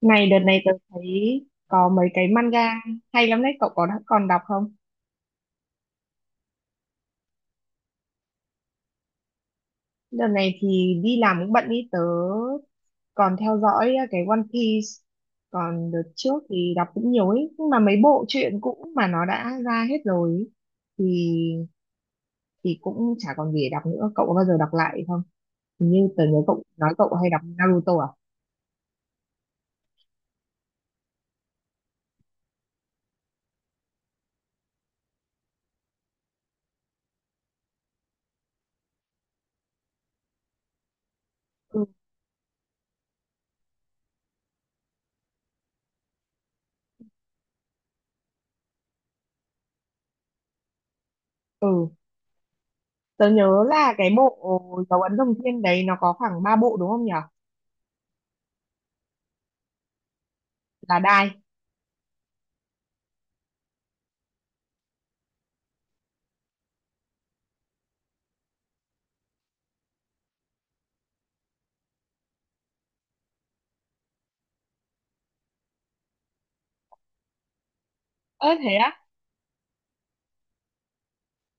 Này đợt này tớ thấy có mấy cái manga hay lắm đấy, cậu có đã còn đọc không? Đợt này thì đi làm cũng bận ý, tớ còn theo dõi à, cái One Piece. Còn đợt trước thì đọc cũng nhiều ấy, nhưng mà mấy bộ truyện cũ mà nó đã ra hết rồi ý, thì thì cũng chả còn gì để đọc nữa. Cậu có bao giờ đọc lại không? Hình như tớ nhớ cậu nói cậu hay đọc Naruto à? Ừ. Ừ. Tớ nhớ là cái bộ dấu ấn rồng thiên đấy nó có khoảng 3 bộ đúng không nhỉ? Là Đai. Ơ thế á?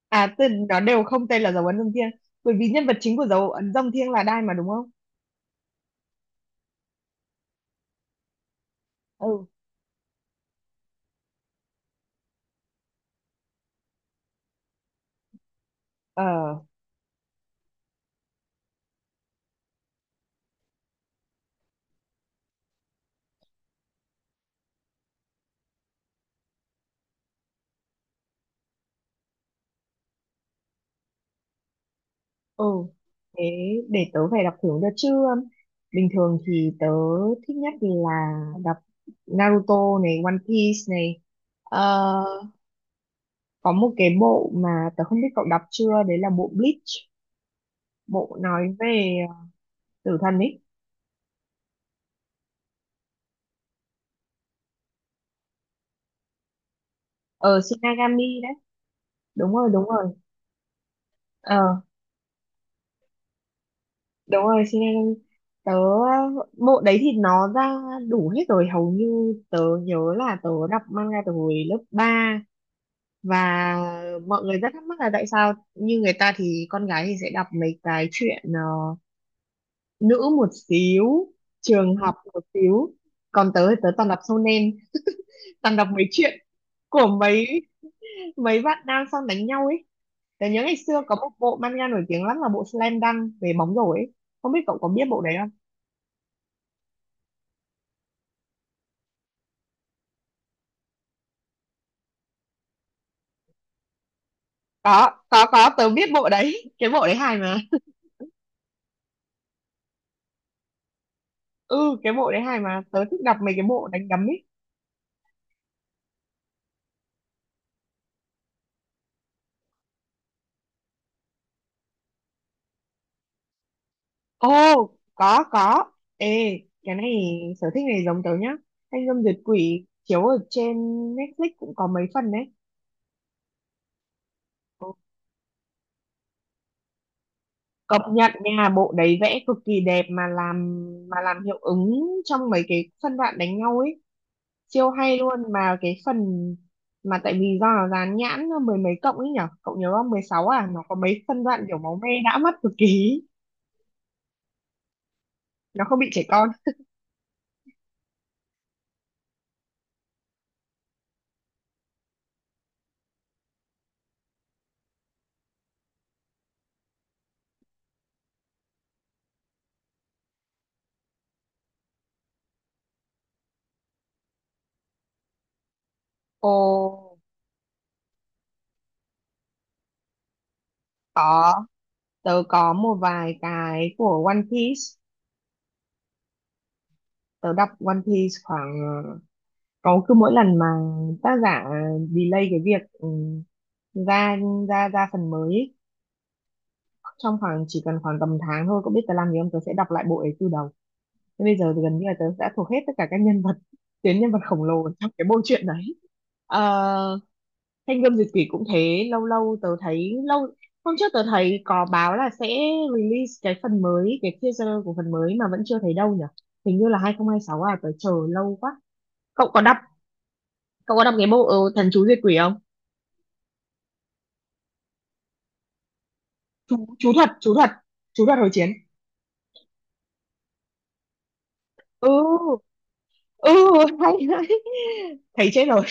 À, từ nó đều không tên là dấu ấn rồng thiêng, bởi vì nhân vật chính của dấu ấn rồng thiêng là Đai mà đúng không? Ừ. Ờ. Ừ. Thế để tớ phải đọc thử cho chứ. Bình thường thì tớ thích nhất là đọc Naruto này, One Piece này. Ờ, có một cái bộ mà tớ không biết cậu đọc chưa, đấy là bộ Bleach, bộ nói về tử thần ấy. Ờ Shinigami đấy. Đúng rồi, đúng rồi. Ờ, đúng rồi, xin nên tớ bộ đấy thì nó ra đủ hết rồi, hầu như tớ nhớ là tớ đọc manga từ hồi lớp ba. Và mọi người rất thắc mắc là tại sao như người ta thì con gái thì sẽ đọc mấy cái chuyện nữ một xíu, trường học một xíu, còn tớ thì tớ toàn đọc shonen, toàn đọc mấy chuyện của mấy mấy bạn nam sang đánh nhau ấy. Tớ nhớ ngày xưa có một bộ manga nổi tiếng lắm là bộ Slam Dunk về bóng rổ ấy, không biết cậu có biết bộ đấy. Có, tớ biết bộ đấy, cái bộ đấy hài mà. Ừ, cái bộ đấy hài mà, tớ thích đọc mấy cái bộ đánh đấm ấy. Ô, có, có. Ê, cái này, sở thích này giống tớ nhá. Thanh gươm duyệt quỷ chiếu ở trên Netflix cũng có mấy phần đấy. Ừ, công nhận nha, bộ đấy vẽ cực kỳ đẹp, mà làm hiệu ứng trong mấy cái phân đoạn đánh nhau ấy siêu hay luôn, mà cái phần mà tại vì do nó dán nhãn mười mấy cộng ấy nhở, cậu nhớ không, 16 à, nó có mấy phân đoạn kiểu máu me đã mắt cực kỳ, nó không bị trẻ con. Ồ, có. Tớ có một vài cái của One Piece. Tớ đọc One Piece khoảng có, cứ mỗi lần mà tác giả delay cái việc ra ra ra phần mới ý, trong khoảng chỉ cần khoảng tầm tháng thôi, có biết tớ làm gì không, tớ sẽ đọc lại bộ ấy từ đầu. Thế bây giờ thì gần như là tớ đã thuộc hết tất cả các nhân vật, tuyến nhân vật khổng lồ trong cái bộ truyện đấy. Ờ. Thanh gươm diệt quỷ cũng thế, lâu lâu tớ thấy lâu, hôm trước tớ thấy có báo là sẽ release cái phần mới, cái teaser của phần mới mà vẫn chưa thấy đâu nhỉ. Hình như là 2026 à, tớ chờ lâu quá. Cậu có đọc, cậu có đọc cái bộ thần chú diệt quỷ không? Chú chú thật, chú thật, chú thật hồi chiến. Ừ, ừ, hay đấy. Thấy chết rồi.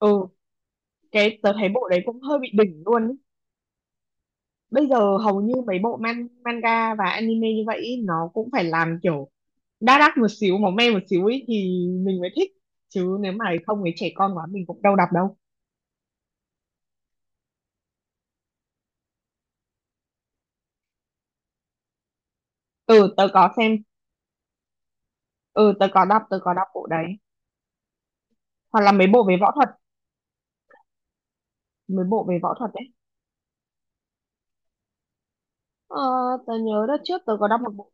Ừ, cái tớ thấy bộ đấy cũng hơi bị đỉnh luôn ý. Bây giờ hầu như mấy bộ manga và anime như vậy ý, nó cũng phải làm kiểu đa đắt một xíu, máu me một xíu ấy thì mình mới thích, chứ nếu mà không ấy trẻ con quá mình cũng đâu đọc đâu. Ừ, tớ có xem. Ừ, tớ có đọc bộ đấy. Hoặc là mấy bộ về võ thuật đấy. Ờ, tớ nhớ đợt trước tớ có đọc một bộ,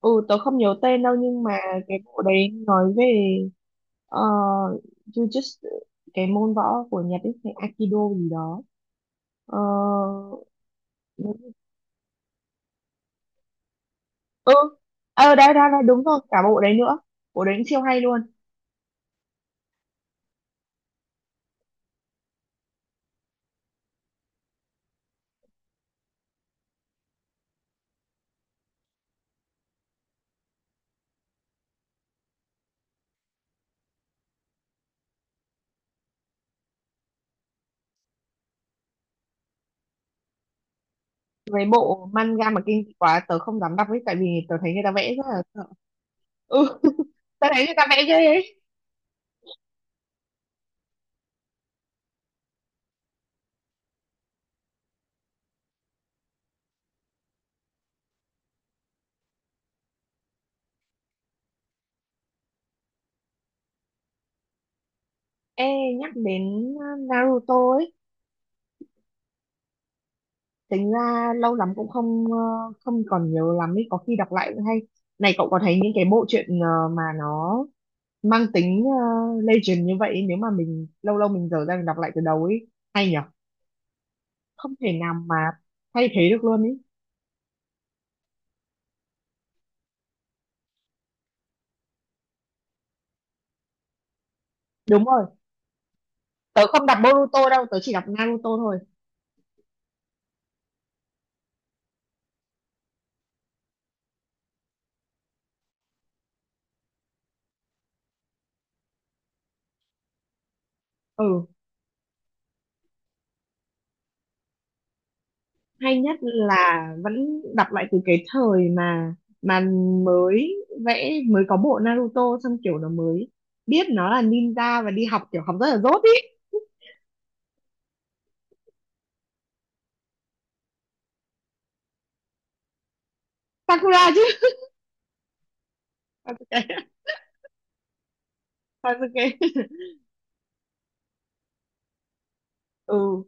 ừ, tớ không nhớ tên đâu, nhưng mà cái bộ đấy nói về ờ, jujutsu, cái môn võ của Nhật ấy, cái Aikido gì đó. Ờ, ừ. Đấy, đấy, đấy, đúng rồi, cả bộ đấy nữa, bộ đấy cũng siêu hay luôn. Mấy bộ manga mà kinh dị quá tớ không dám đọc ấy, tại vì tớ thấy người ta vẽ rất là sợ. Ừ, tớ thấy người ta vẽ ghê ấy. Ê, nhắc đến uh, Naruto ấy, tính ra lâu lắm cũng không, không còn nhớ lắm ấy, có khi đọc lại cũng hay. Này cậu có thấy những cái bộ truyện mà nó mang tính legend như vậy ấy, nếu mà mình lâu lâu mình dở ra mình đọc lại từ đầu ấy, hay nhở? Không thể nào mà thay thế được luôn ấy. Đúng rồi, tớ không đọc Boruto đâu, tớ chỉ đọc Naruto thôi. Ừ. Hay nhất là vẫn đọc lại từ cái thời mà mới vẽ mới có bộ Naruto, xong kiểu nó mới biết nó là ninja và đi học kiểu học rất là dốt ý. Sakura chứ. Sasuke. Sasuke. Ừ,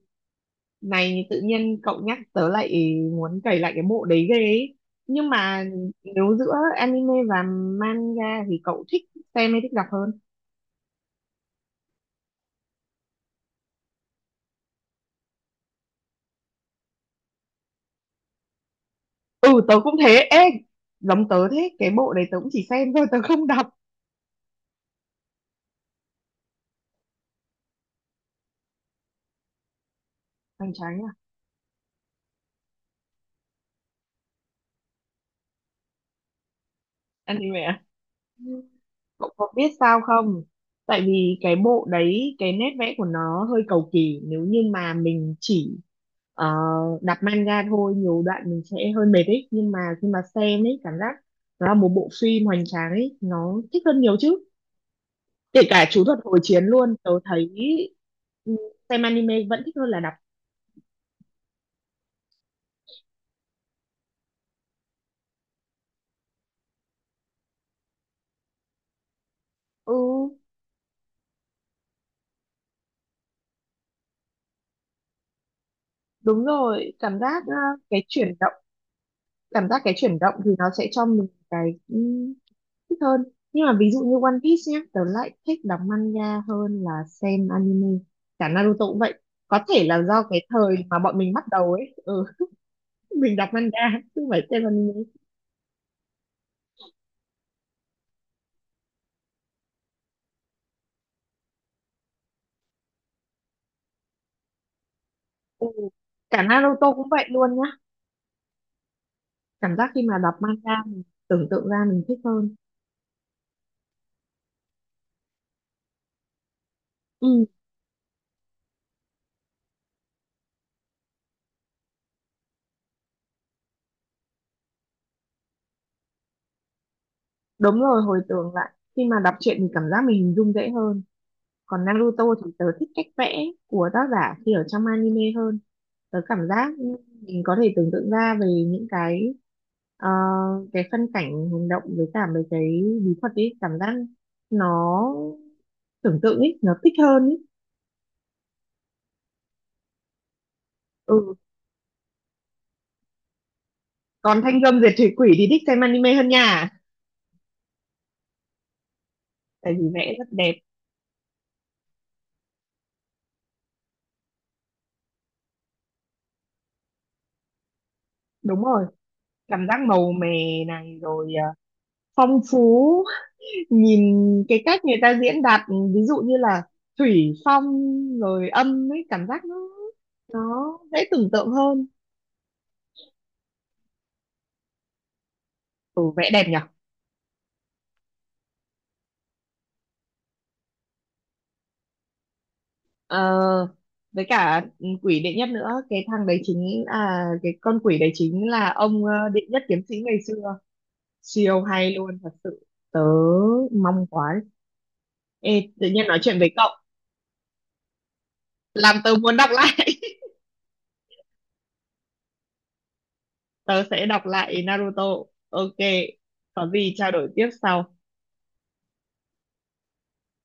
này tự nhiên cậu nhắc tớ lại muốn cày lại cái bộ đấy ghê ấy, nhưng mà nếu giữa anime và manga thì cậu thích xem hay thích đọc hơn? Ừ, tớ cũng thế. Ê, giống tớ thế, cái bộ đấy tớ cũng chỉ xem thôi, tớ không đọc. Hoành tráng nhỉ. Anime à? Cậu có biết sao không? Tại vì cái bộ đấy, cái nét vẽ của nó hơi cầu kỳ. Nếu như mà mình chỉ ờ, đọc manga thôi, nhiều đoạn mình sẽ hơi mệt ấy. Nhưng mà khi mà xem ấy, cảm giác nó là một bộ phim hoành tráng ấy, nó thích hơn nhiều chứ. Kể cả chú thuật hồi chiến luôn, tớ thấy ừ, xem anime vẫn thích hơn là đọc. Ừ, đúng rồi, cảm giác cái chuyển động, cảm giác cái chuyển động thì nó sẽ cho mình cái thích hơn. Nhưng mà ví dụ như One Piece nhé, tớ lại thích đọc manga hơn là xem anime, cả Naruto cũng vậy. Có thể là do cái thời mà bọn mình bắt đầu ấy, mình đọc manga chứ không phải xem anime. Ừ. Cả Naruto cũng vậy luôn nhá, cảm giác khi mà đọc manga mình tưởng tượng ra mình thích hơn. Ừ, đúng rồi, hồi tưởng lại, khi mà đọc truyện thì cảm giác mình hình dung dễ hơn. Còn Naruto thì tớ thích cách vẽ của tác giả khi ở trong anime hơn, tớ cảm giác mình có thể tưởng tượng ra về những cái ờ, cái phân cảnh hành động với cả mấy cái bí thuật ấy, cảm giác nó, tưởng tượng ấy nó thích hơn ấy. Ừ, còn thanh gươm diệt thủy quỷ thì thích xem anime hơn nha, tại vì vẽ rất đẹp. Đúng rồi, cảm giác màu mè này, rồi phong phú. Nhìn cái cách người ta diễn đạt, ví dụ như là thủy phong rồi âm ấy, cảm giác nó dễ tưởng tượng hơn. Ừ, vẽ đẹp nhỉ. Ờ, với cả quỷ đệ nhất nữa, cái thằng đấy chính là cái con quỷ đấy, chính là ông đệ nhất kiếm sĩ ngày xưa, siêu hay luôn thật sự. Tớ mong quá. Ê, tự nhiên nói chuyện với cậu làm tớ muốn đọc lại. Tớ sẽ đọc lại Naruto. Ok, có gì trao đổi tiếp sau.